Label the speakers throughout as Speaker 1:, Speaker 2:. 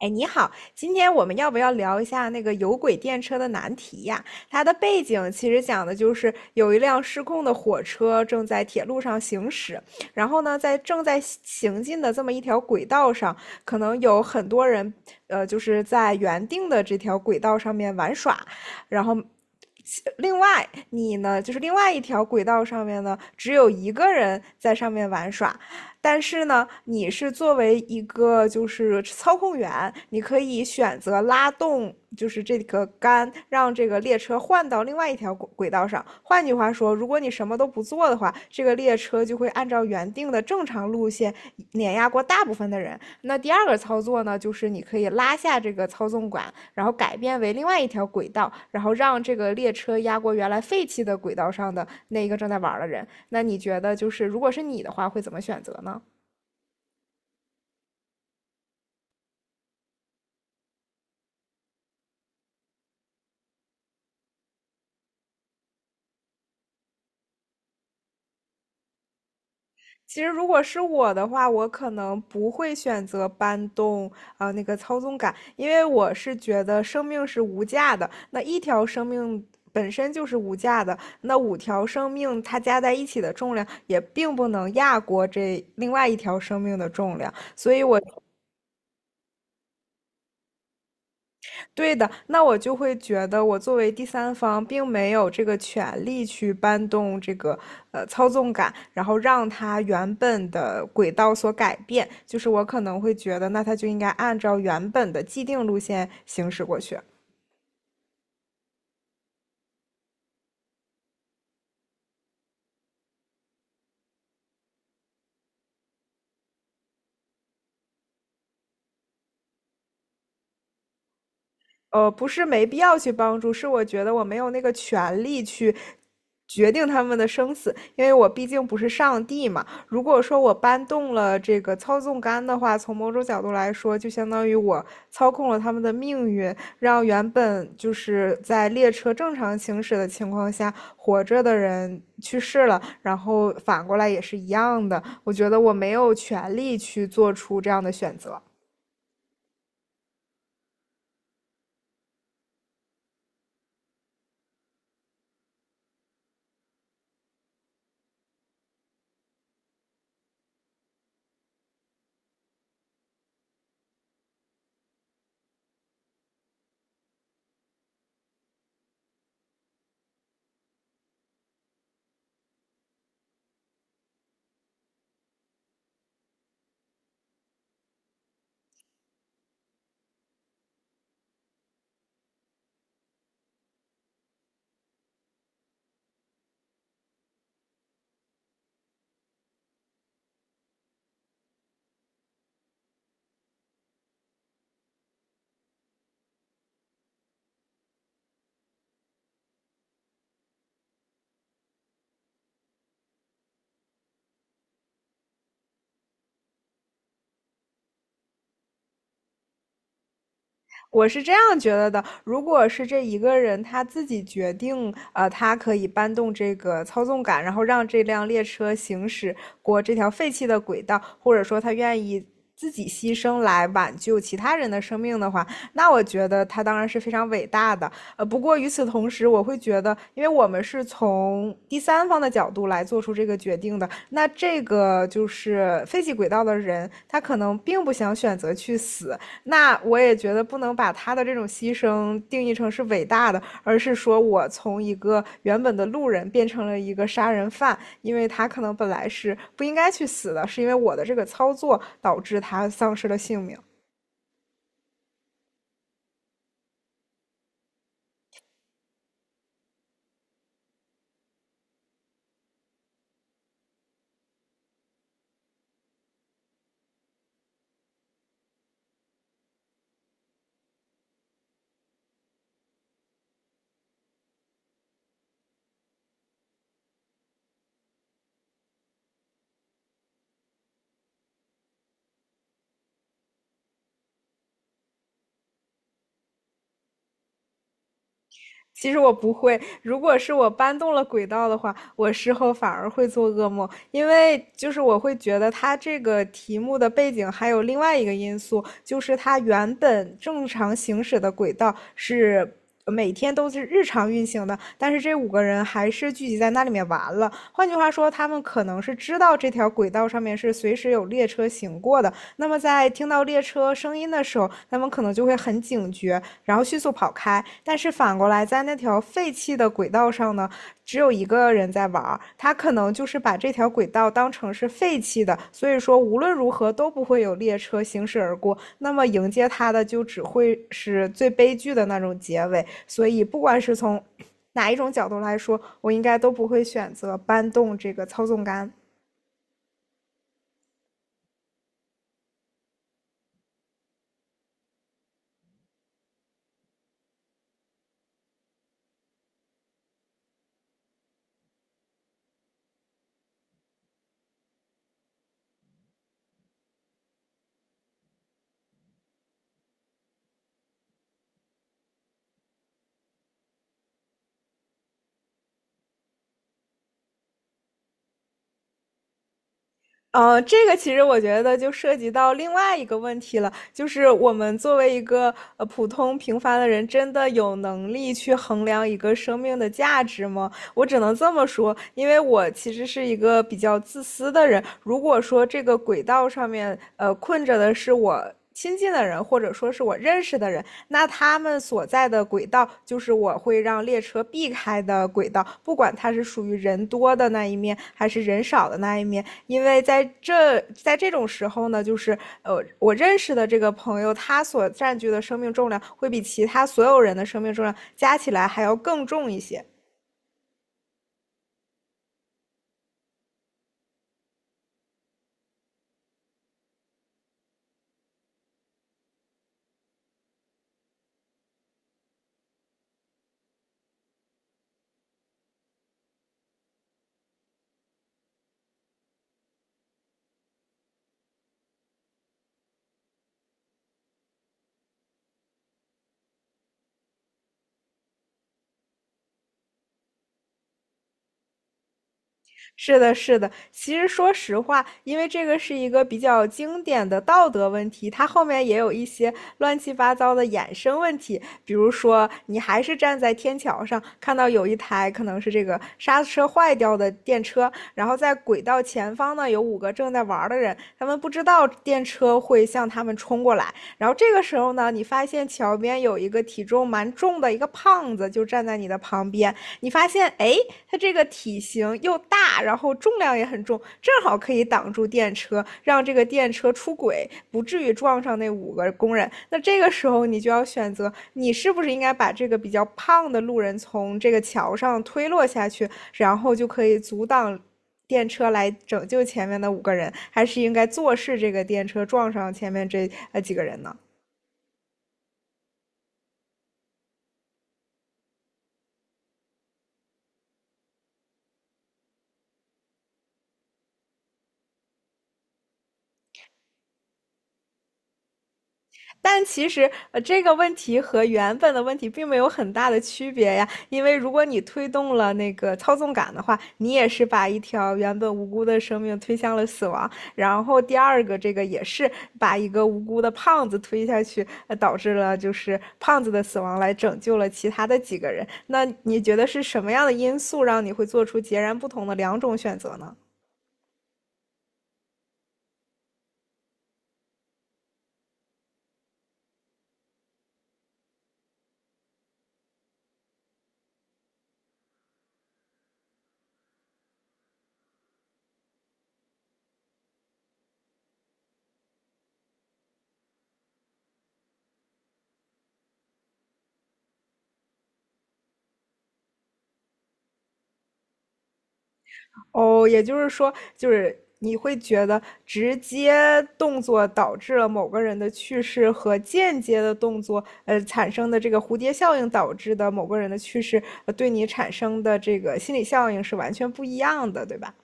Speaker 1: 哎，你好，今天我们要不要聊一下那个有轨电车的难题呀？它的背景其实讲的就是有一辆失控的火车正在铁路上行驶，然后呢，在正在行进的这么一条轨道上，可能有很多人，就是在原定的这条轨道上面玩耍，然后。另外，你呢，就是另外一条轨道上面呢，只有一个人在上面玩耍，但是呢，你是作为一个就是操控员，你可以选择拉动就是这个杆，让这个列车换到另外一条轨道上。换句话说，如果你什么都不做的话，这个列车就会按照原定的正常路线碾压过大部分的人。那第二个操作呢，就是你可以拉下这个操纵杆，然后改变为另外一条轨道，然后让这个列车压过原来废弃的轨道上的那一个正在玩的人。那你觉得，就是如果是你的话，会怎么选择呢？其实如果是我的话，我可能不会选择搬动那个操纵杆，因为我是觉得生命是无价的，那一条生命本身就是无价的，那五条生命它加在一起的重量也并不能压过这另外一条生命的重量，所以我觉对的，那我就会觉得我作为第三方，并没有这个权利去搬动这个操纵杆，然后让它原本的轨道所改变。就是我可能会觉得，那它就应该按照原本的既定路线行驶过去。不是没必要去帮助，是我觉得我没有那个权利去决定他们的生死，因为我毕竟不是上帝嘛。如果说我搬动了这个操纵杆的话，从某种角度来说，就相当于我操控了他们的命运，让原本就是在列车正常行驶的情况下活着的人去世了，然后反过来也是一样的。我觉得我没有权利去做出这样的选择。我是这样觉得的，如果是这一个人他自己决定，他可以搬动这个操纵杆，然后让这辆列车行驶过这条废弃的轨道，或者说他愿意自己牺牲来挽救其他人的生命的话，那我觉得他当然是非常伟大的。不过与此同时，我会觉得，因为我们是从第三方的角度来做出这个决定的，那这个就是废弃轨道的人，他可能并不想选择去死，那我也觉得不能把他的这种牺牲定义成是伟大的，而是说我从一个原本的路人变成了一个杀人犯，因为他可能本来是不应该去死的，是因为我的这个操作导致他丧失了性命。其实我不会，如果是我搬动了轨道的话，我事后反而会做噩梦，因为就是我会觉得它这个题目的背景还有另外一个因素，就是它原本正常行驶的轨道是每天都是日常运行的，但是这五个人还是聚集在那里面玩了。换句话说，他们可能是知道这条轨道上面是随时有列车行过的，那么在听到列车声音的时候，他们可能就会很警觉，然后迅速跑开。但是反过来，在那条废弃的轨道上呢，只有一个人在玩儿，他可能就是把这条轨道当成是废弃的，所以说无论如何都不会有列车行驶而过。那么迎接他的就只会是最悲剧的那种结尾。所以不管是从 哪一种角度来说，我应该都不会选择搬动这个操纵杆。这个其实我觉得就涉及到另外一个问题了，就是我们作为一个普通平凡的人，真的有能力去衡量一个生命的价值吗？我只能这么说，因为我其实是一个比较自私的人。如果说这个轨道上面，困着的是我亲近的人，或者说是我认识的人，那他们所在的轨道就是我会让列车避开的轨道，不管它是属于人多的那一面，还是人少的那一面。因为在这种时候呢，我认识的这个朋友，他所占据的生命重量会比其他所有人的生命重量加起来还要更重一些。是的，是的。其实说实话，因为这个是一个比较经典的道德问题，它后面也有一些乱七八糟的衍生问题。比如说，你还是站在天桥上，看到有一台可能是这个刹车坏掉的电车，然后在轨道前方呢有五个正在玩的人，他们不知道电车会向他们冲过来。然后这个时候呢，你发现桥边有一个体重蛮重的一个胖子就站在你的旁边，你发现，哎，它这个体型又大，然后重量也很重，正好可以挡住电车，让这个电车出轨，不至于撞上那五个工人。那这个时候你就要选择，你是不是应该把这个比较胖的路人从这个桥上推落下去，然后就可以阻挡。电车来拯救前面的五个人，还是应该坐视这个电车撞上前面这几个人呢？但其实，这个问题和原本的问题并没有很大的区别呀，因为如果你推动了那个操纵感的话，你也是把一条原本无辜的生命推向了死亡。然后第二个，这个也是把一个无辜的胖子推下去，导致了就是胖子的死亡，来拯救了其他的几个人。那你觉得是什么样的因素让你会做出截然不同的两种选择呢？哦，也就是说，就是你会觉得直接动作导致了某个人的去世，和间接的动作，产生的这个蝴蝶效应导致的某个人的去世，对你产生的这个心理效应是完全不一样的，对吧？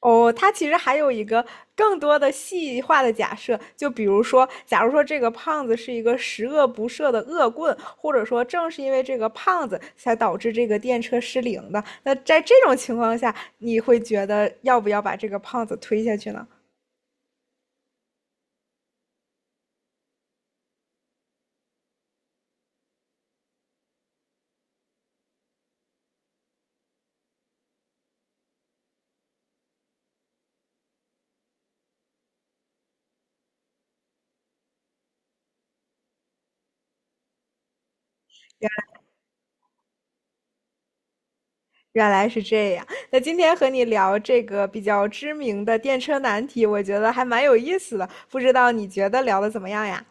Speaker 1: 哦，它其实还有一个更多的细化的假设，就比如说，假如说这个胖子是一个十恶不赦的恶棍，或者说正是因为这个胖子才导致这个电车失灵的，那在这种情况下，你会觉得要不要把这个胖子推下去呢？原来是这样。那今天和你聊这个比较知名的电车难题，我觉得还蛮有意思的，不知道你觉得聊的怎么样呀？